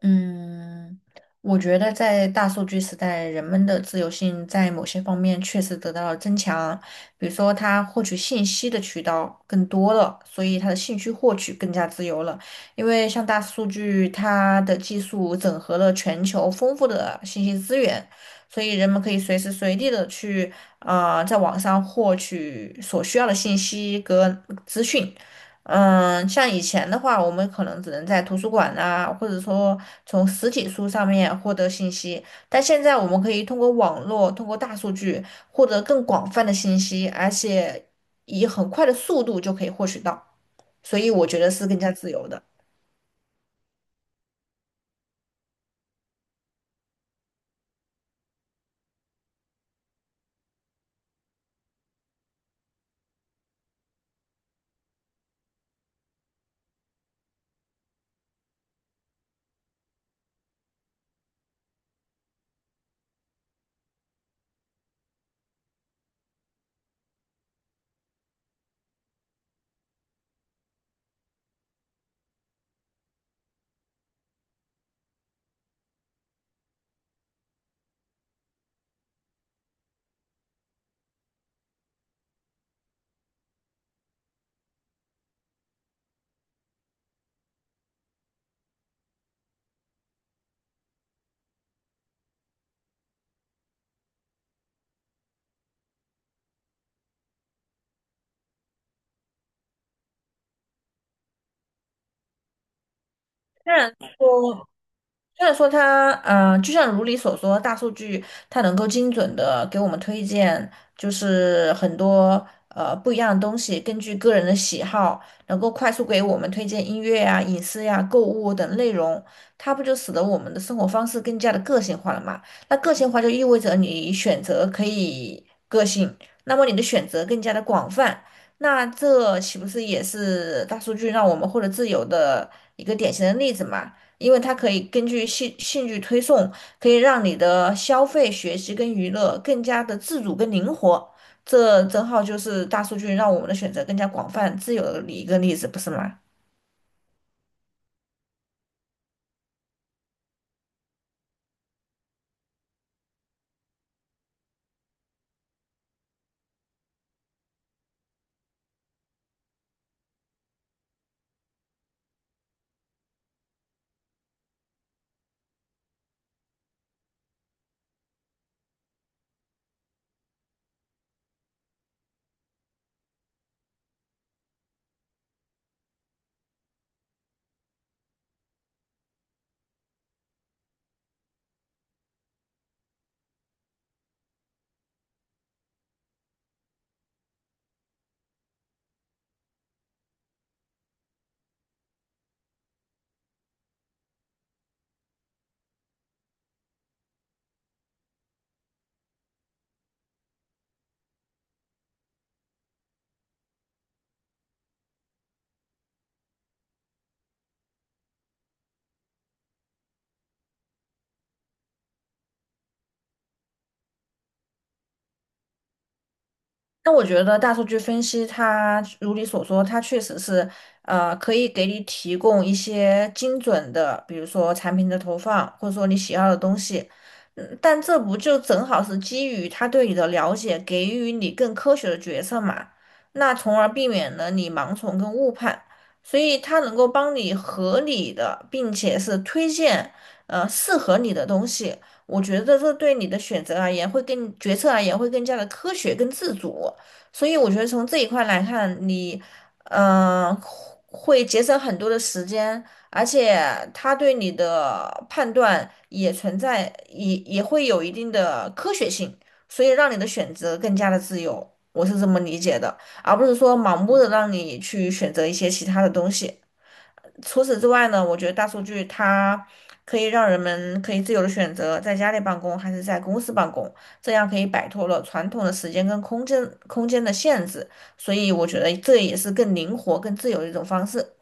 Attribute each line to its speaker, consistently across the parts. Speaker 1: 嗯，我觉得在大数据时代，人们的自由性在某些方面确实得到了增强，比如说他获取信息的渠道更多了，所以他的兴趣获取更加自由了。因为像大数据，它的技术整合了全球丰富的信息资源，所以人们可以随时随地的去在网上获取所需要的信息和资讯。嗯，像以前的话，我们可能只能在图书馆啊，或者说从实体书上面获得信息，但现在我们可以通过网络，通过大数据获得更广泛的信息，而且以很快的速度就可以获取到，所以我觉得是更加自由的。虽然说，虽然说它，就像如你所说，大数据它能够精准的给我们推荐，就是很多不一样的东西，根据个人的喜好，能够快速给我们推荐音乐呀、影视呀、购物等内容，它不就使得我们的生活方式更加的个性化了嘛？那个性化就意味着你选择可以个性，那么你的选择更加的广泛，那这岂不是也是大数据让我们获得自由的一个典型的例子嘛？因为它可以根据兴趣推送，可以让你的消费、学习跟娱乐更加的自主跟灵活。这正好就是大数据让我们的选择更加广泛、自由的一个例子，不是吗？那我觉得大数据分析它，如你所说，它确实是，可以给你提供一些精准的，比如说产品的投放，或者说你喜要的东西。嗯，但这不就正好是基于他对你的了解，给予你更科学的决策嘛？那从而避免了你盲从跟误判。所以它能够帮你合理的，并且是推荐，适合你的东西。我觉得这对你的选择而言，会更决策而言会更加的科学跟自主。所以我觉得从这一块来看，你嗯、呃会节省很多的时间，而且他对你的判断也存在也会有一定的科学性，所以让你的选择更加的自由，我是这么理解的，而不是说盲目的让你去选择一些其他的东西。除此之外呢，我觉得大数据它可以让人们可以自由的选择在家里办公还是在公司办公，这样可以摆脱了传统的时间跟空间的限制，所以我觉得这也是更灵活、更自由的一种方式。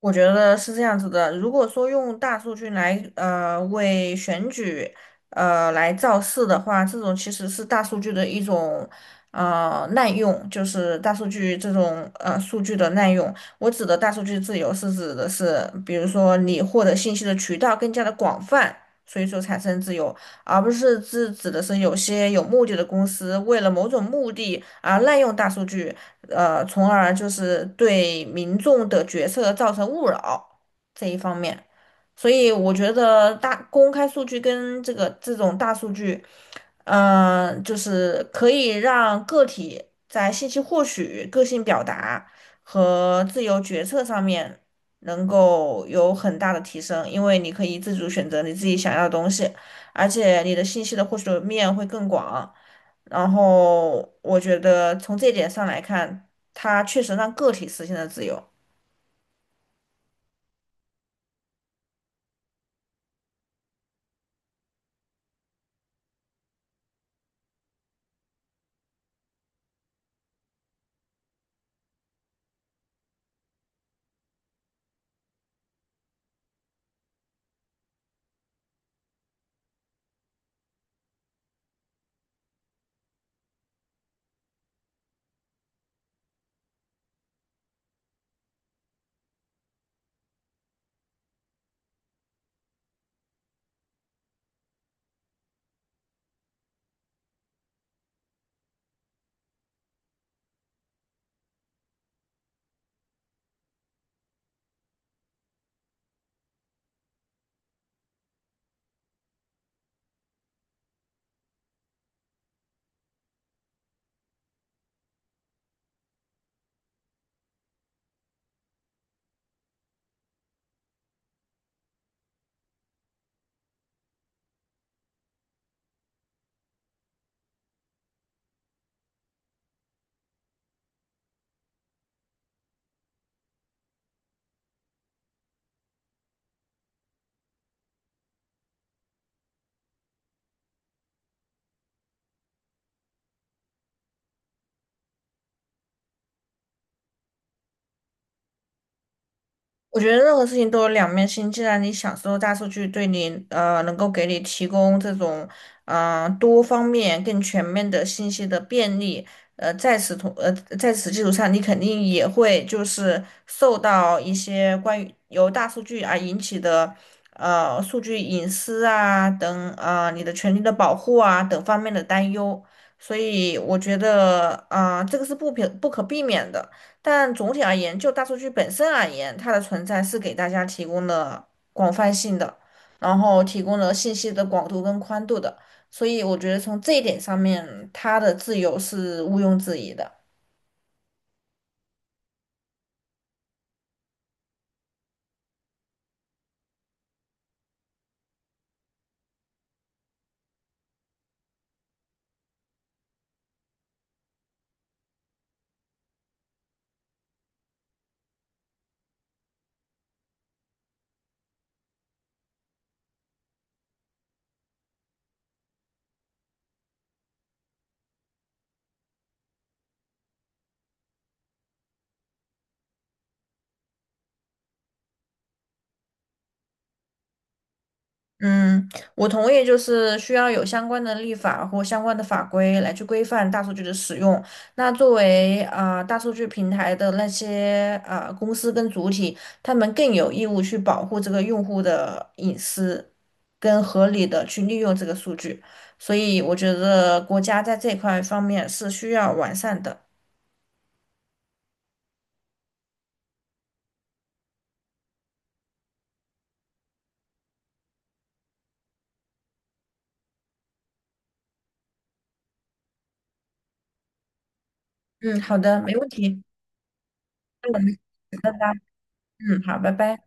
Speaker 1: 我觉得是这样子的，如果说用大数据来为选举来造势的话，这种其实是大数据的一种滥用，就是大数据这种数据的滥用。我指的大数据自由是指的是，比如说你获得信息的渠道更加的广泛，所以说产生自由。而不是指的是有些有目的的公司为了某种目的而滥用大数据，从而就是对民众的决策造成误扰这一方面。所以我觉得大公开数据跟这个这种大数据。就是可以让个体在信息获取、个性表达和自由决策上面能够有很大的提升，因为你可以自主选择你自己想要的东西，而且你的信息的获取面会更广。然后我觉得从这一点上来看，它确实让个体实现了自由。我觉得任何事情都有两面性。既然你享受大数据对你，能够给你提供这种，多方面、更全面的信息的便利，呃，在此同，呃，在此基础上，你肯定也会就是受到一些关于由大数据而引起的，数据隐私啊等，你的权利的保护啊等方面的担忧。所以我觉得，这个是不可避免的。但总体而言，就大数据本身而言，它的存在是给大家提供了广泛性的，然后提供了信息的广度跟宽度的。所以我觉得从这一点上面，它的自由是毋庸置疑的。嗯，我同意，就是需要有相关的立法或相关的法规来去规范大数据的使用。那作为大数据平台的那些公司跟主体，他们更有义务去保护这个用户的隐私。更合理的去利用这个数据。所以我觉得国家在这块方面是需要完善的。嗯，好的，没问题。嗯，好，拜拜。